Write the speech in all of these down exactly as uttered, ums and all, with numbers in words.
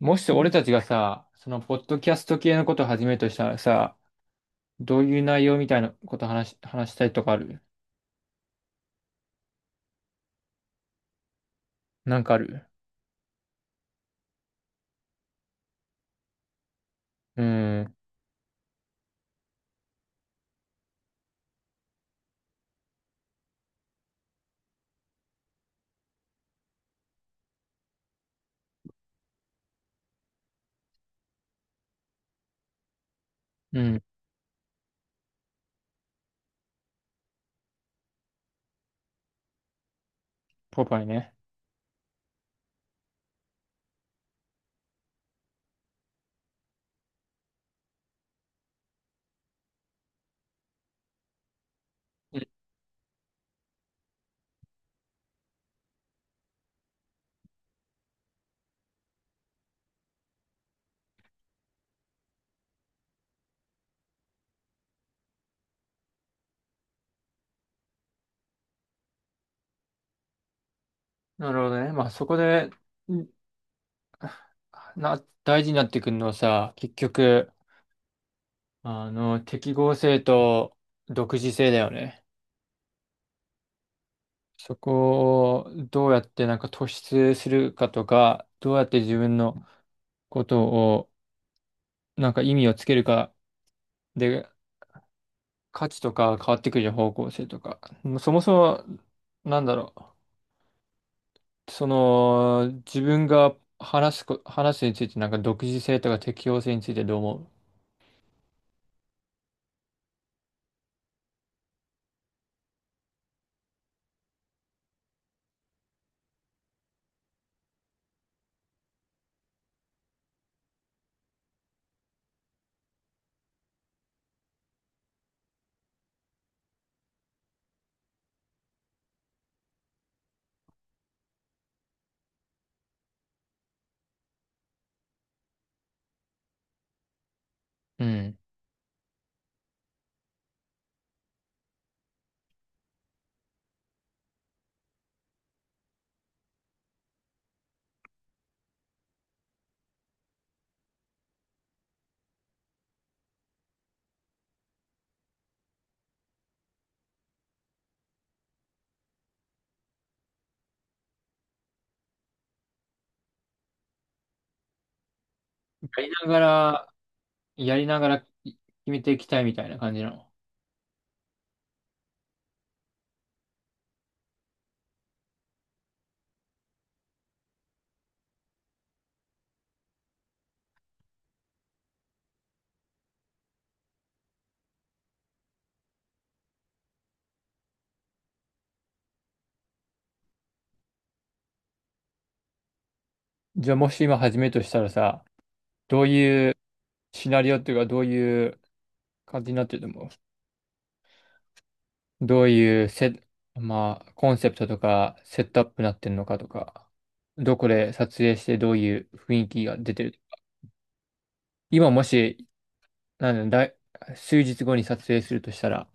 もし俺たちがさ、そのポッドキャスト系のことを始めるとしたらさ、どういう内容みたいなこと話し、話したいとかある？なんかある？うん。うん。ポパイね。うん。なるほどね。まあそこで、んな、大事になってくるのはさ、結局、あの、適合性と独自性だよね。そこをどうやってなんか突出するかとか、どうやって自分のことをなんか意味をつけるかで価値とか変わってくるじゃん、方向性とか。もうそもそも、なんだろう。その、自分が話すこ、話すについて、なんか独自性とか適応性についてどう思う？うん。やりながら、やりながらい決めていきたいみたいな感じなの？じゃあもし今始めるとしたらさ、どういうシナリオっていうか、どういう感じになってると思う？どういうセ、まあ、コンセプトとか、セットアップになってるのかとか、どこで撮影してどういう雰囲気が出てる？今もし、なんだ、だい数日後に撮影するとしたら、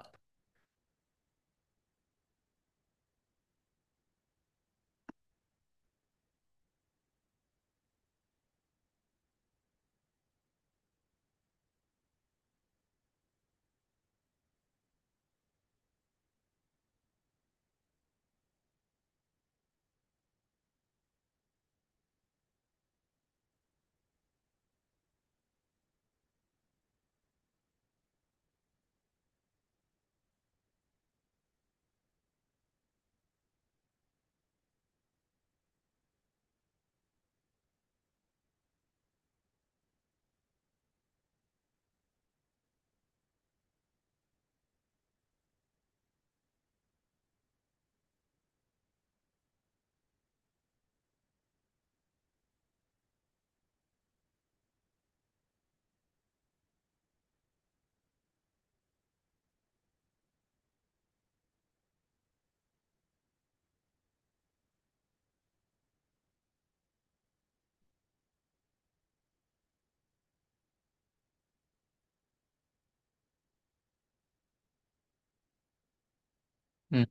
うん。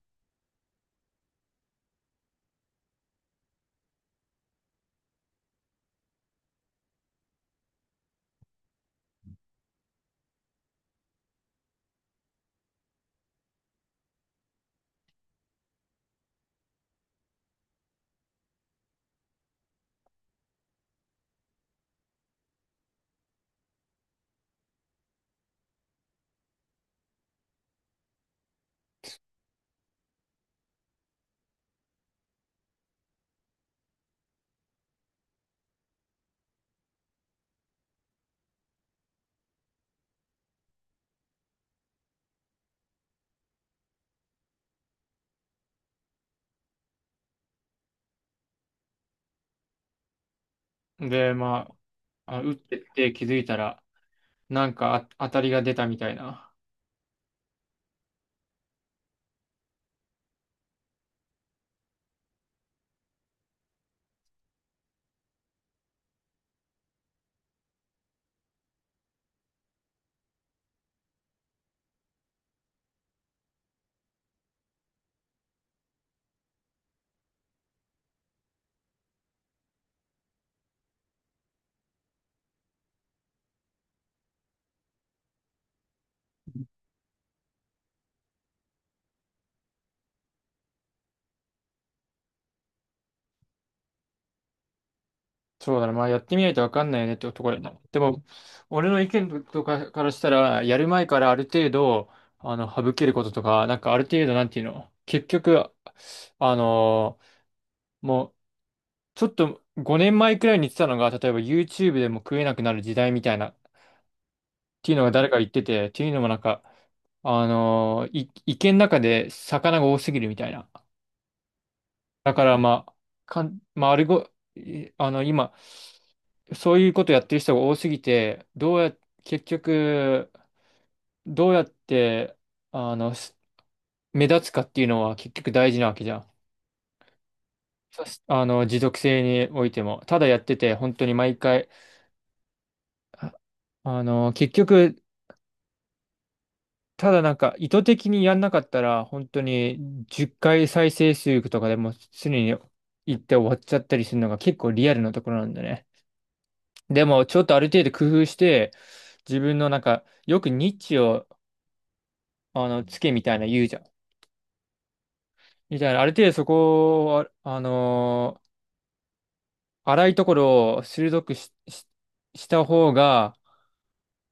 で、まあ、あ、打ってって気づいたら、なんかあ当たりが出たみたいな。そうだな、まあやってみないとわかんないよねってところだな。でも、俺の意見とかからしたら、やる前からある程度、あの、省けることとか、なんかある程度、なんていうの、結局、あのーもう、ちょっとごねんまえくらいに言ってたのが、例えば YouTube でも食えなくなる時代みたいな、っていうのが誰か言ってて、っていうのもなんか、あのい、池の中で魚が多すぎるみたいな。だからまあ、かん、まあ、あれご、いあの、今、そういうことやってる人が多すぎて、どうや、結局、どうやって、あの、す目立つかっていうのは結局大事なわけじゃん。そしあの、持続性においても。ただやってて、本当に毎回、ああの、結局、ただなんか意図的にやんなかったら、本当にじゅっかい再生数とかでも常に行って終わっちゃったりするのが結構リアルなところなんだね。でもちょっとある程度工夫して、自分のなんか、よくニッチを、あの、つけみたいな言うじゃん。みたいな、ある程度そこを、あ、あのー荒いところを鋭くし、し、した方が、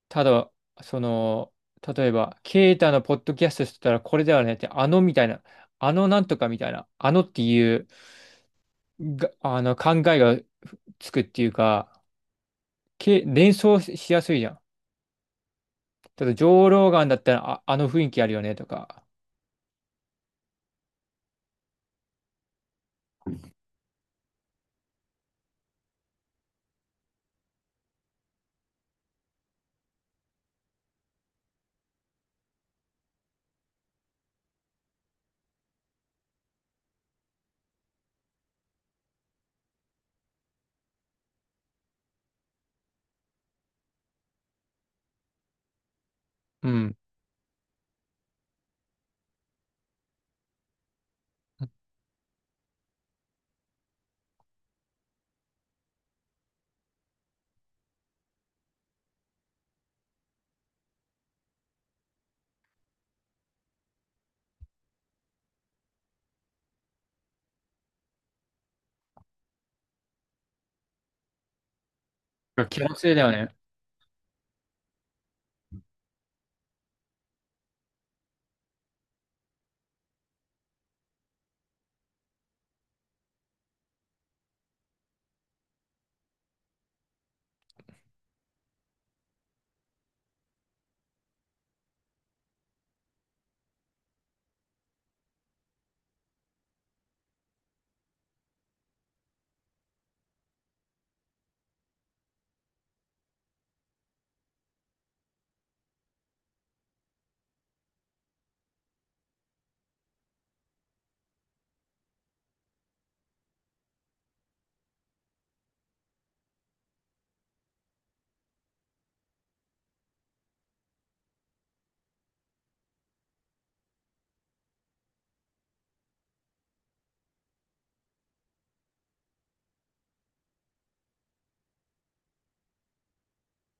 ただ、その、例えば、ケイタのポッドキャストしてたらこれだよねって、あのみたいな。あのなんとかみたいな、あのっていうが、あの、考えがつくっていうか、け、連想しやすいじゃん。ただ、上ロガンだったら、あ、あの雰囲気あるよねとか。うん。気のせいだよね。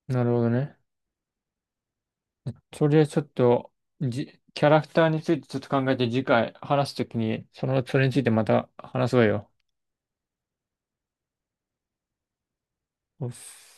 なるほどね。それちょっと、じ、キャラクターについてちょっと考えて、次回話すときに、その、それについてまた話そうよ。おっす。